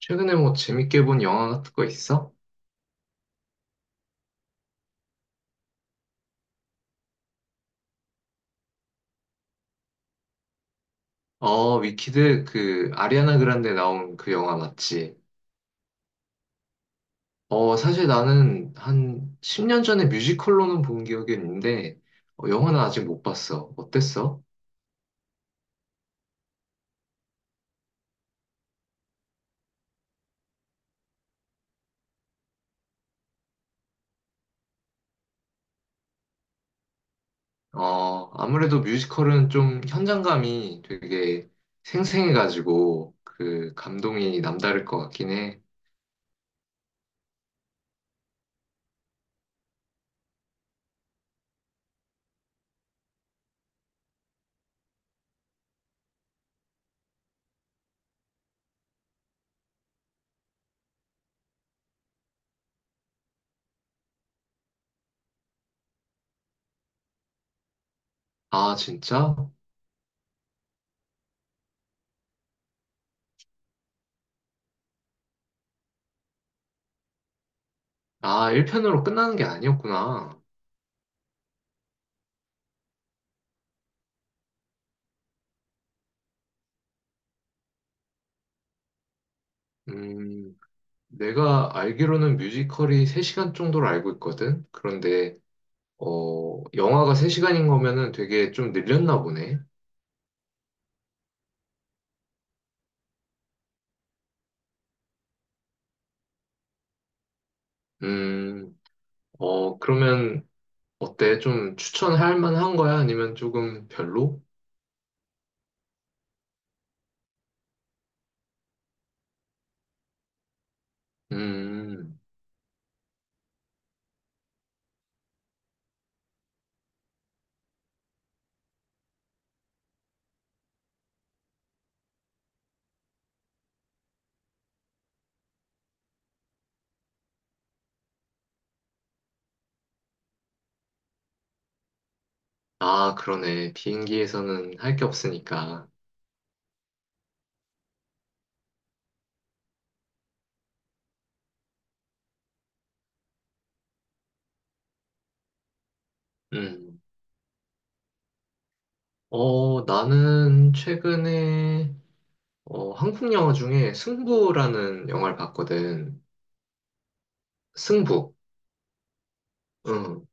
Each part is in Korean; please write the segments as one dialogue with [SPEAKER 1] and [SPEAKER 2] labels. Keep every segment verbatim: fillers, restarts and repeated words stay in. [SPEAKER 1] 최근에 뭐 재밌게 본 영화 같은 거 있어? 어, 위키드 그 아리아나 그란데 나온 그 영화 맞지? 어, 사실 나는 한 십 년 전에 뮤지컬로는 본 기억이 있는데 어, 영화는 아직 못 봤어. 어땠어? 어, 아무래도 뮤지컬은 좀 현장감이 되게 생생해가지고 그 감동이 남다를 것 같긴 해. 아, 진짜? 아, 일 편으로 끝나는 게 아니었구나. 음. 내가 알기로는 뮤지컬이 세 시간 정도로 알고 있거든. 그런데 어, 영화가 세 시간인 거면은 되게 좀 늘렸나 보네. 음, 어, 그러면 어때? 좀 추천할 만한 거야? 아니면 조금 별로? 음, 아, 그러네. 비행기에서는 할 게 없으니까. 음, 어, 나는 최근에 어, 한국 영화 중에 승부라는 영화를 봤거든. 승부. 응.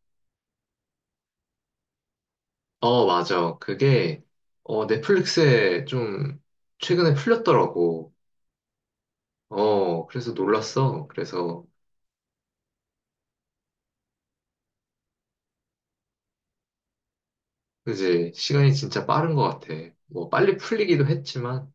[SPEAKER 1] 어, 맞아. 그게, 어, 넷플릭스에 좀 최근에 풀렸더라고. 어, 그래서 놀랐어. 그래서, 이제 시간이 진짜 빠른 것 같아. 뭐, 빨리 풀리기도 했지만,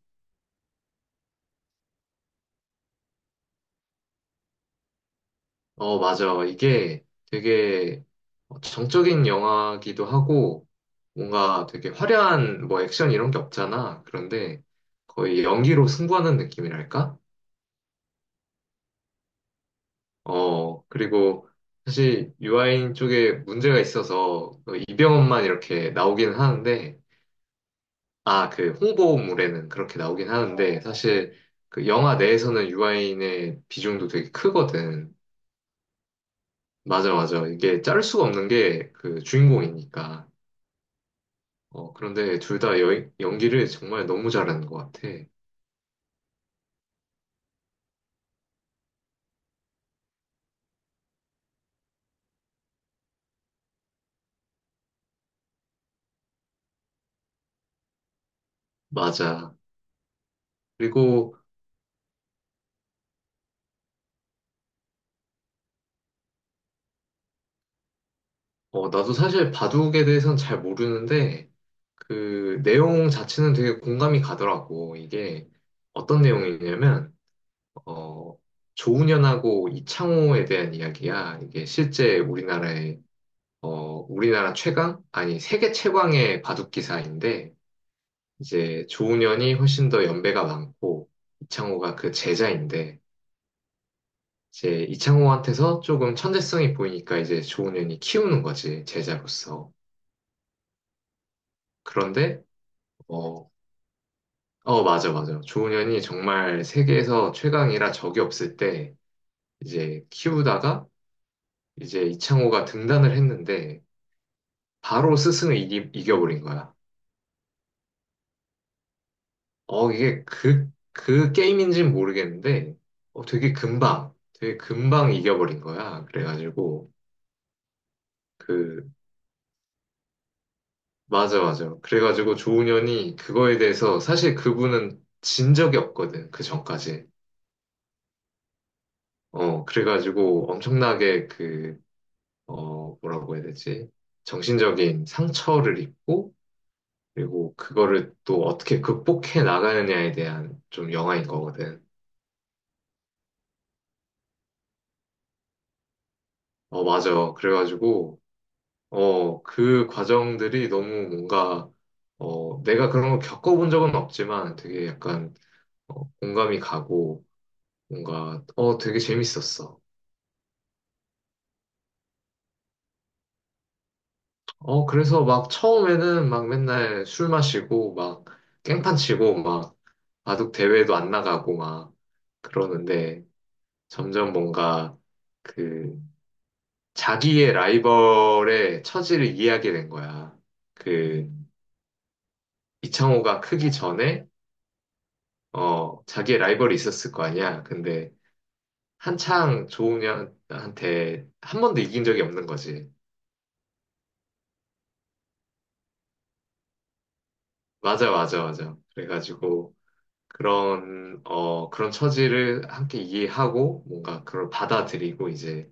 [SPEAKER 1] 어, 맞아. 이게 되게 어, 정적인 영화기도 하고, 뭔가 되게 화려한 뭐 액션 이런 게 없잖아. 그런데 거의 연기로 승부하는 느낌이랄까? 어, 그리고 사실 유아인 쪽에 문제가 있어서 그 이병헌만 이렇게 나오긴 하는데, 아, 그 홍보물에는 그렇게 나오긴 하는데, 사실 그 영화 내에서는 유아인의 비중도 되게 크거든. 맞아, 맞아. 이게 자를 수가 없는 게 그 주인공이니까. 어, 그런데 둘 다 연기를 정말 너무 잘하는 것 같아. 맞아. 그리고 어, 나도 사실 바둑에 대해서는 잘 모르는데, 그 내용 자체는 되게 공감이 가더라고. 이게 어떤 내용이냐면, 어, 조훈현하고 이창호에 대한 이야기야. 이게 실제 우리나라의, 어, 우리나라 최강? 아니, 세계 최강의 바둑 기사인데, 이제 조훈현이 훨씬 더 연배가 많고, 이창호가 그 제자인데, 이제 이창호한테서 조금 천재성이 보이니까 이제 조훈현이 키우는 거지, 제자로서. 그런데, 어, 어, 맞아, 맞아. 조훈현이 정말 세계에서 최강이라 적이 없을 때 이제 키우다가 이제 이창호가 등단을 했는데 바로 스승을 이기, 이겨버린 거야. 어, 이게 그, 그 게임인지는 모르겠는데 어, 되게 금방, 되게 금방 이겨버린 거야. 그래가지고 그, 맞아, 맞아. 그래가지고 조훈현이 그거에 대해서 사실 그분은 진 적이 없거든. 그 전까지. 어, 그래가지고 엄청나게 그 어, 뭐라고 해야 되지? 정신적인 상처를 입고, 그리고 그거를 또 어떻게 극복해 나가느냐에 대한 좀 영화인 거거든. 어, 맞아. 그래가지고, 어, 그 과정들이 너무 뭔가, 어, 내가 그런 걸 겪어본 적은 없지만 되게 약간 어, 공감이 가고, 뭔가, 어, 되게 재밌었어. 어, 그래서 막 처음에는 막 맨날 술 마시고, 막 깽판 치고, 막 바둑 대회도 안 나가고, 막 그러는데, 점점 뭔가 그 자기의 라이벌의 처지를 이해하게 된 거야. 그 이창호가 크기 전에 어 자기의 라이벌이 있었을 거 아니야. 근데 한창 조은현한테 한 번도 이긴 적이 없는 거지. 맞아, 맞아, 맞아. 그래가지고 그런 어 그런 처지를 함께 이해하고 뭔가 그걸 받아들이고 이제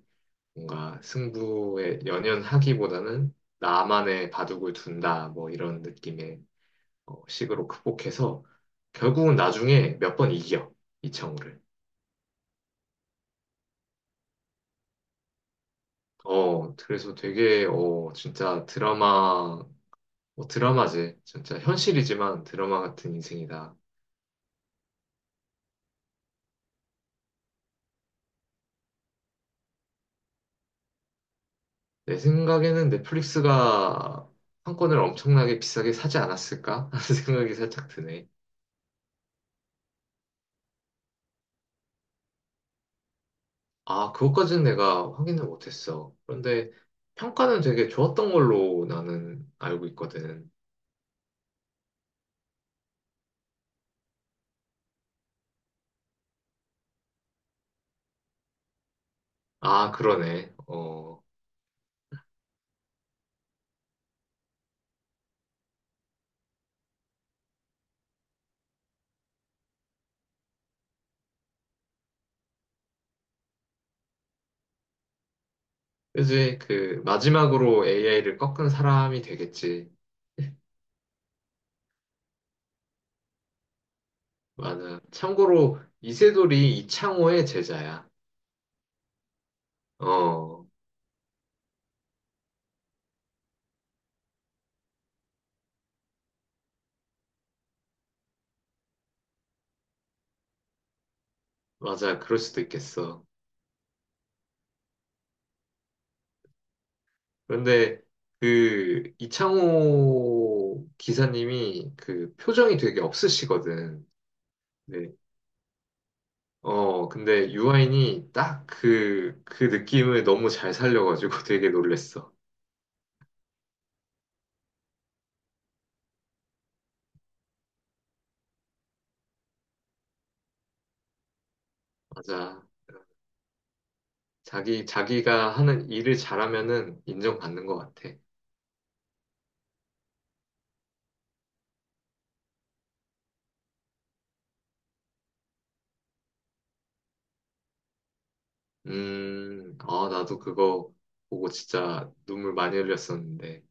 [SPEAKER 1] 뭔가 승부에 연연하기보다는 나만의 바둑을 둔다 뭐 이런 느낌의 어, 식으로 극복해서 결국은 나중에 몇 번 이겨 이창호를. 어 그래서 되게 어 진짜 드라마 뭐 드라마지 진짜 현실이지만 드라마 같은 인생이다. 내 생각에는 넷플릭스가 판권을 엄청나게 비싸게 사지 않았을까 하는 생각이 살짝 드네. 아 그것까지는 내가 확인을 못했어. 그런데 평가는 되게 좋았던 걸로 나는 알고 있거든. 아 그러네. 어. 그지? 그 마지막으로 에이아이를 꺾은 사람이 되겠지. 맞아. 참고로 이세돌이 이창호의 제자야. 어, 맞아. 그럴 수도 있겠어. 그런데 그 이창호 기사님이 그 표정이 되게 없으시거든. 네. 어, 근데 유아인이 딱 그, 그 느낌을 너무 잘 살려가지고 되게 놀랬어. 맞아. 자기, 자기가 하는 일을 잘하면은 인정받는 것 같아. 음, 아, 나도 그거 보고 진짜 눈물 많이 흘렸었는데.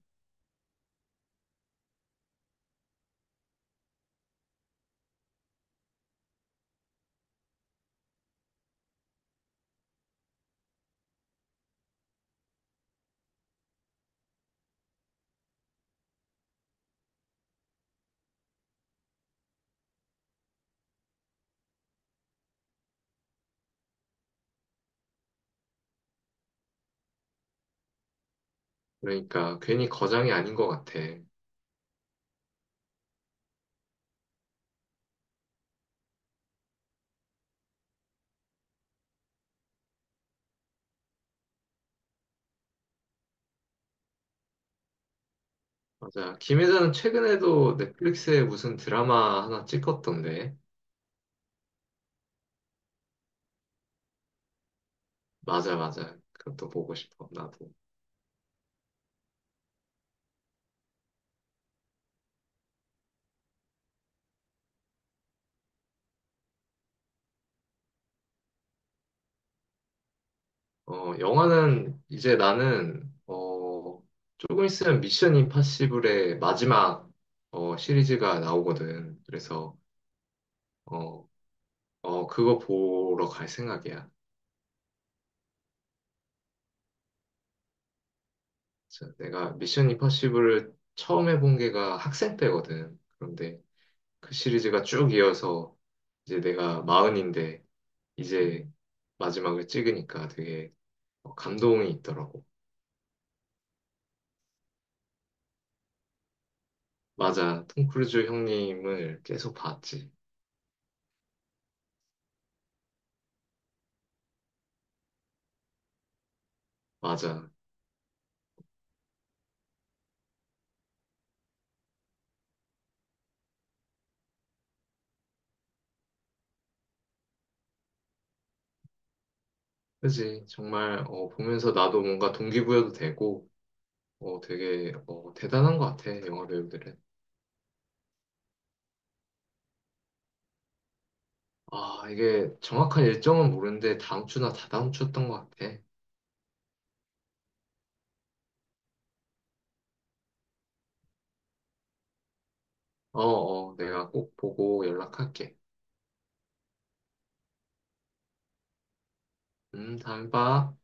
[SPEAKER 1] 그러니까 괜히 거장이 아닌 것 같아. 맞아. 김혜자는 최근에도 넷플릭스에 무슨 드라마 하나 찍었던데. 맞아, 맞아. 그것도 보고 싶어, 나도. 어, 영화는 이제 나는, 어, 조금 있으면 미션 임파시블의 마지막, 어, 시리즈가 나오거든. 그래서, 어, 어, 그거 보러 갈 생각이야. 진짜 내가 미션 임파서블을 처음 해본 게가 학생 때거든. 그런데 그 시리즈가 쭉 이어서 이제 내가 마흔인데 이제 마지막을 찍으니까 되게 어, 감동이 있더라고. 맞아. 톰 크루즈 형님을 계속 봤지. 맞아. 그지. 정말 어, 보면서 나도 뭔가 동기부여도 되고 어, 되게 어, 대단한 것 같아. 영화 배우들은. 아, 이게 정확한 일정은 모르는데 다음 주나 다다음 주였던 것 같아. 어, 어, 내가 꼭 보고 연락할게. 음, 다음에 봐.